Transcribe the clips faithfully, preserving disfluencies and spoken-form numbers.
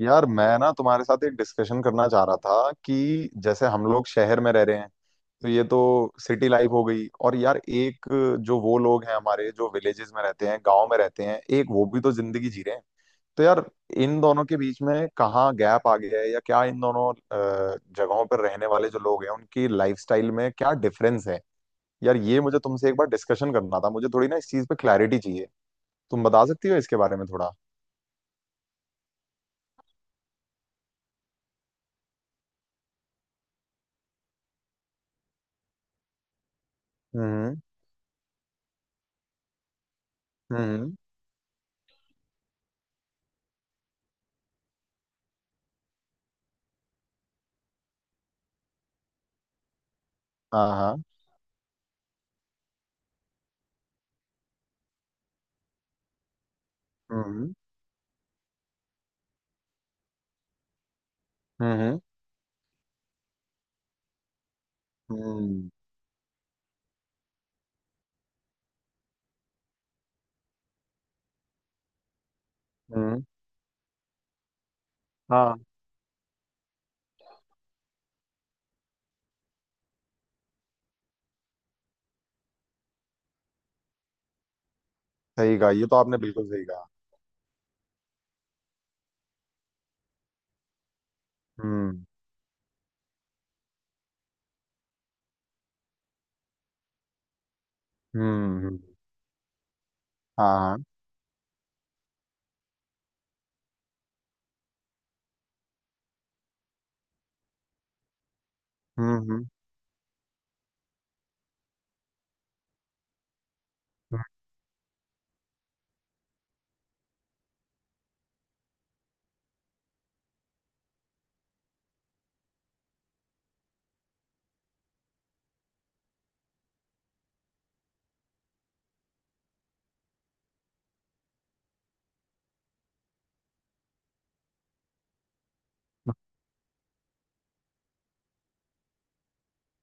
यार मैं ना तुम्हारे साथ एक डिस्कशन करना चाह रहा था कि जैसे हम लोग शहर में रह रहे हैं, तो ये तो सिटी लाइफ हो गई, और यार एक जो वो लोग हैं हमारे जो विलेजेस में रहते हैं गांव में रहते हैं, एक वो भी तो जिंदगी जी रहे हैं। तो यार इन दोनों के बीच में कहाँ गैप आ गया है, या क्या इन दोनों अ, जगहों पर रहने वाले जो लोग हैं उनकी लाइफस्टाइल में क्या डिफरेंस है? यार ये मुझे तुमसे एक बार डिस्कशन करना था, मुझे थोड़ी ना इस चीज पे क्लैरिटी चाहिए। तुम बता सकती हो इसके बारे में थोड़ा? हम्म, हम्म। हाँ, हाँ। हम्म, हम्म, हम्म, हम्म। हाँ। सही कहा, ये तो आपने बिल्कुल सही कहा। हम्म, हम्म, हम्म, हाँ, हाँ, हम्म, हम्म, हम्म।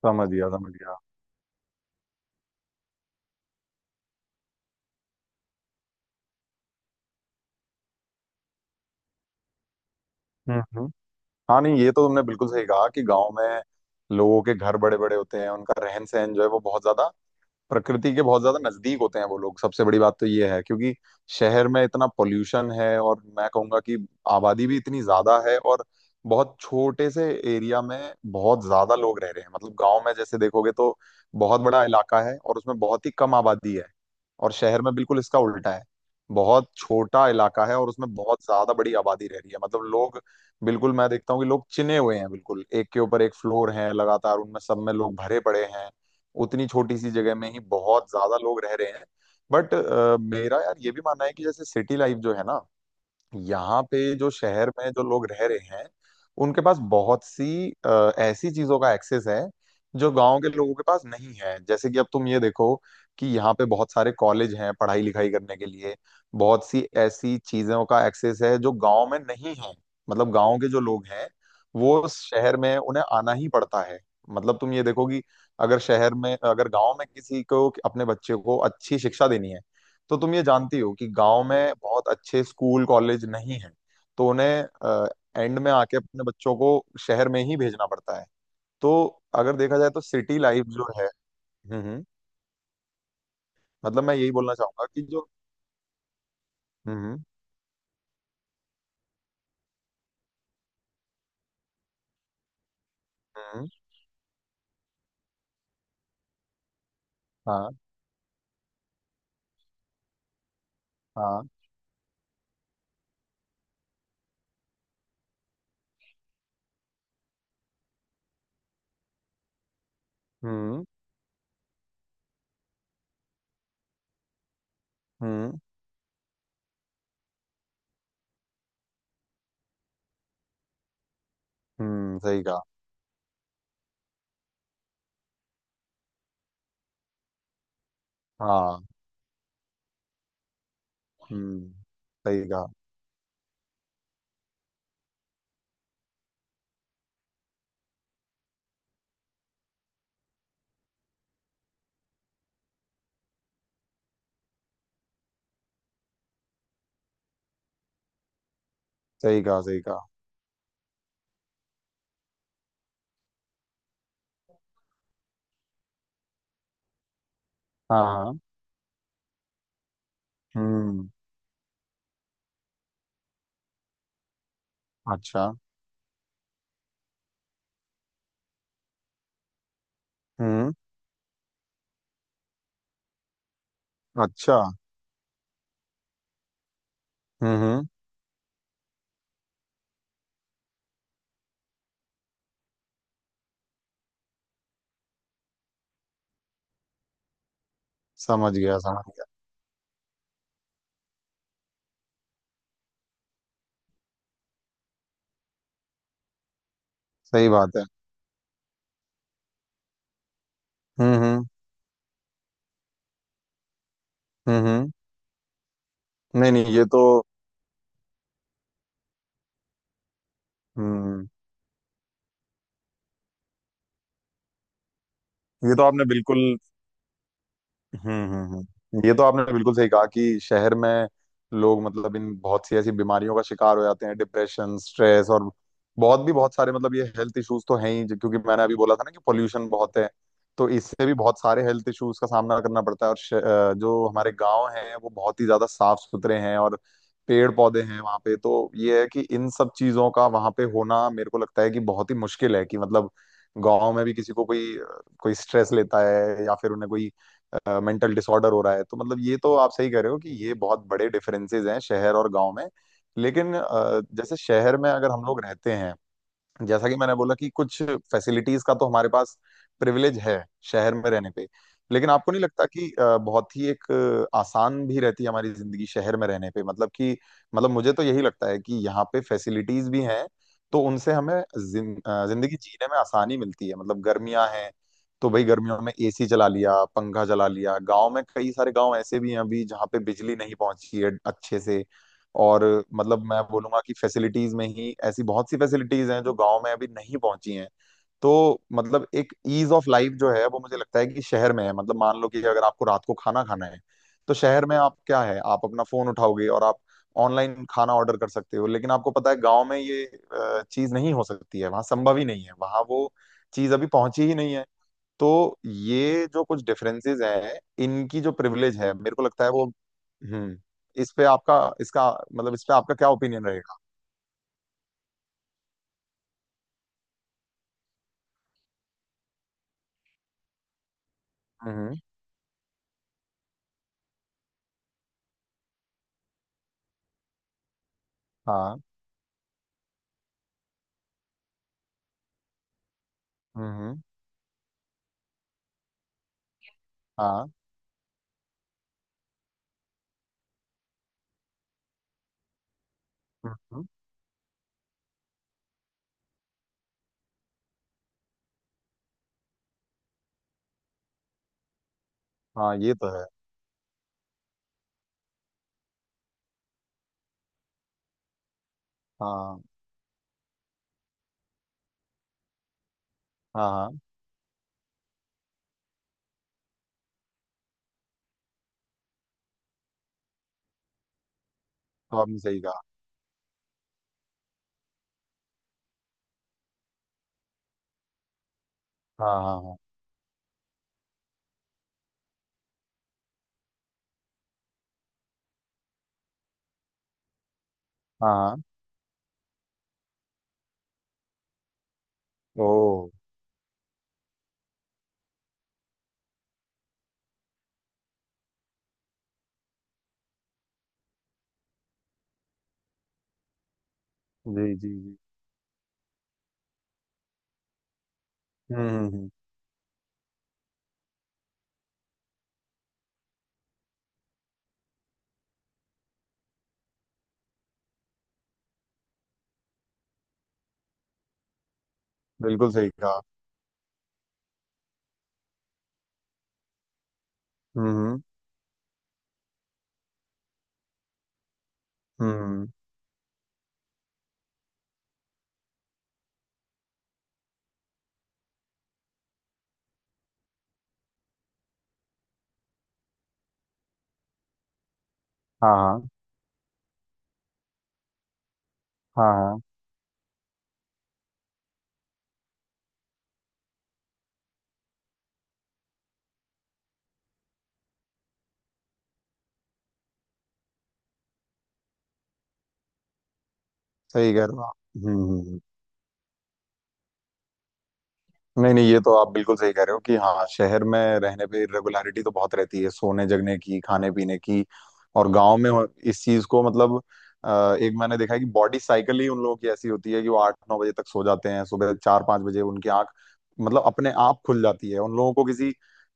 समझ गया, समझ गया। हम्म, हम्म। हाँ, नहीं, ये तो तुमने बिल्कुल सही कहा कि गांव में लोगों के घर बड़े बड़े होते हैं, उनका रहन सहन जो है वो बहुत ज्यादा प्रकृति के बहुत ज्यादा नजदीक होते हैं वो लोग। सबसे बड़ी बात तो ये है क्योंकि शहर में इतना पोल्यूशन है, और मैं कहूंगा कि आबादी भी इतनी ज्यादा है, और बहुत छोटे से एरिया में बहुत ज्यादा लोग रह रहे हैं। मतलब गांव में जैसे देखोगे तो बहुत बड़ा इलाका है और उसमें बहुत ही कम आबादी है, और शहर में बिल्कुल इसका उल्टा है। बहुत छोटा इलाका है और उसमें बहुत ज्यादा बड़ी आबादी रह रही है, मतलब लोग बिल्कुल, मैं देखता हूँ कि लोग चिने हुए हैं, बिल्कुल एक के ऊपर एक फ्लोर है लगातार, उनमें सब में लोग भरे पड़े हैं, उतनी छोटी सी जगह में ही बहुत ज्यादा लोग रह रहे हैं। बट uh, मेरा यार ये भी मानना है कि जैसे सिटी लाइफ जो है ना, यहाँ पे जो शहर में जो लोग रह रहे हैं उनके पास बहुत सी अ, ऐसी चीजों का एक्सेस है जो गांव के लोगों के पास नहीं है। जैसे कि अब तुम ये देखो कि यहाँ पे बहुत सारे कॉलेज हैं पढ़ाई लिखाई करने के लिए, बहुत सी ऐसी चीजों का एक्सेस है जो गांव में नहीं है। मतलब गांव के जो लोग हैं, वो उस शहर में उन्हें आना ही पड़ता है। मतलब तुम ये देखो कि अगर शहर में अगर गांव में किसी को अपने बच्चे को अच्छी शिक्षा देनी है, तो तुम ये जानती हो कि गांव में बहुत अच्छे स्कूल कॉलेज नहीं है, तो उन्हें एंड में आके अपने बच्चों को शहर में ही भेजना पड़ता है। तो अगर देखा जाए तो सिटी लाइफ जो है। हम्म, हम्म। मतलब मैं यही बोलना चाहूंगा कि जो। हम्म हम्म हाँ, हाँ, हम्म, हम्म, हम्म। सही कहा। हाँ। हम्म। सही कहा, सही कहा, सही कहा। हाँ। हम्म। अच्छा। हम्म। अच्छा। हम्म, हम्म। समझ गया, समझ गया। सही बात है। हम्म, हम्म, हम्म, हम्म। नहीं, नहीं, ये तो। हम्म। ये तो आपने बिल्कुल। हम्म, हम्म, हम्म। ये तो आपने बिल्कुल सही कहा कि शहर में लोग मतलब इन बहुत सी ऐसी बीमारियों का शिकार हो जाते हैं, डिप्रेशन, स्ट्रेस, और बहुत भी बहुत सारे, मतलब ये हेल्थ इश्यूज तो हैं ही जो- क्योंकि मैंने अभी बोला था ना कि पोल्यूशन बहुत है, तो इससे भी बहुत सारे हेल्थ इश्यूज का सामना करना पड़ता है। और श- अ, जो हमारे गांव हैं वो बहुत ही ज्यादा साफ सुथरे हैं और पेड़ पौधे हैं वहाँ पे, तो ये है कि इन सब चीजों का वहाँ पे होना मेरे को लगता है कि बहुत ही मुश्किल है, कि मतलब गांव में भी किसी को कोई कोई स्ट्रेस लेता है या फिर उन्हें कोई मेंटल डिसऑर्डर हो रहा है, तो मतलब ये तो आप सही कह रहे हो कि ये बहुत बड़े डिफरेंसेस हैं शहर और गांव में। लेकिन अ, जैसे शहर में अगर हम लोग रहते हैं, जैसा कि मैंने बोला, कि कुछ फैसिलिटीज का तो हमारे पास प्रिविलेज है शहर में रहने पे, लेकिन आपको नहीं लगता कि अ, बहुत ही एक अ, आसान भी रहती है हमारी जिंदगी शहर में रहने पे? मतलब कि मतलब मुझे तो यही लगता है कि यहाँ पे फैसिलिटीज भी हैं, तो उनसे हमें जिन- अ, जिंदगी जीने में आसानी मिलती है। मतलब गर्मियां हैं, तो भाई गर्मियों में एसी चला लिया पंखा चला लिया, गांव में कई सारे गांव ऐसे भी हैं अभी जहाँ पे बिजली नहीं पहुंची है अच्छे से, और मतलब मैं बोलूंगा कि फैसिलिटीज में ही ऐसी बहुत सी फैसिलिटीज हैं जो गांव में अभी नहीं पहुंची हैं। तो मतलब एक ईज ऑफ लाइफ जो है वो मुझे लगता है कि शहर में है। मतलब मान लो कि अगर आपको रात को खाना खाना है, तो शहर में आप क्या है आप अपना फोन उठाओगे और आप ऑनलाइन खाना ऑर्डर कर सकते हो, लेकिन आपको पता है गांव में ये चीज नहीं हो सकती है, वहां संभव ही नहीं है, वहां वो चीज अभी पहुंची ही नहीं है। तो ये जो कुछ डिफरेंसेस हैं, इनकी जो प्रिविलेज है मेरे को लगता है वो हम्म इस पे आपका, इसका मतलब, इस पे आपका क्या ओपिनियन रहेगा? हम्म। हाँ। हम्म, हम्म, हाँ, हम्म, हम्म। हाँ, ये तो है। हाँ, हाँ, हाँ। तो आपने सही कहा। हाँ, हाँ, हाँ, हाँ, हाँ। ओ। जी, जी, जी। हम्म, हम्म, हम्म। बिल्कुल सही कहा। हम्म, हम्म, हम्म, हाँ, हाँ, हाँ, हाँ। सही कह रहे हो आप। हम्म, हम्म, हम्म। नहीं, नहीं, ये तो आप बिल्कुल सही कह रहे हो कि हाँ शहर में रहने पे रेगुलरिटी तो बहुत रहती है, सोने जगने की, खाने पीने की, और गांव में हो- इस चीज को, मतलब अ, एक, मैंने देखा है कि बॉडी साइकिल ही उन लोगों की ऐसी होती है कि वो आठ नौ बजे तक सो जाते हैं, सुबह चार पांच बजे उनकी आंख मतलब अपने आप खुल जाती है, उन लोगों को किसी।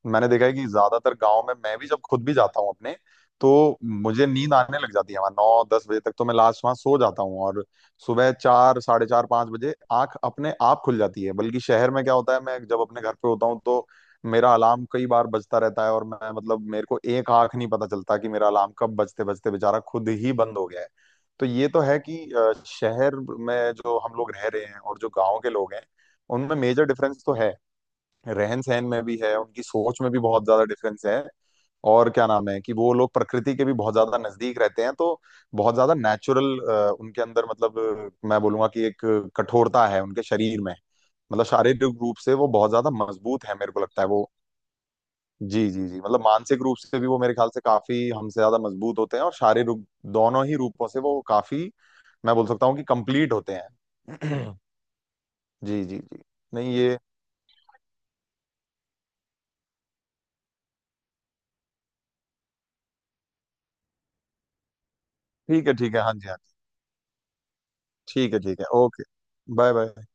मैंने देखा है कि ज्यादातर गांव में, मैं भी जब खुद भी जाता हूँ अपने, तो मुझे नींद आने लग जाती है वहां नौ दस बजे तक, तो मैं लास्ट वहां सो जाता हूँ, और सुबह चार साढ़े चार पांच बजे आंख अपने आप खुल जाती है। बल्कि शहर में क्या होता है, मैं जब अपने घर पे होता हूँ, तो मेरा अलार्म कई बार बजता रहता है, और मैं मतलब मेरे को एक आंख नहीं पता चलता कि मेरा अलार्म कब बजते बजते बेचारा खुद ही बंद हो गया है। तो ये तो है कि अ, शहर में जो हम लोग रह रहे हैं और जो गांव के लोग हैं, उनमें मेजर डिफरेंस तो है, रहन सहन में भी है, उनकी सोच में भी बहुत ज्यादा डिफरेंस है। और क्या नाम है, कि वो लोग प्रकृति के भी बहुत ज्यादा नजदीक रहते हैं, तो बहुत ज्यादा नेचुरल उनके अंदर, मतलब अ, मैं बोलूंगा कि एक कठोरता है उनके शरीर में, मतलब शारीरिक रूप से वो बहुत ज्यादा मजबूत है मेरे को लगता है वो। जी, जी, जी, मतलब मानसिक रूप से भी वो मेरे ख्याल से काफी हमसे ज्यादा मजबूत होते हैं, और शारीरिक दोनों ही रूपों से वो काफी, मैं बोल सकता हूँ कि, कंप्लीट होते हैं। जी, जी, जी। नहीं, ये। ठीक है, ठीक है, हाँ जी। ठीक है, ठीक है, ओके। Bye bye.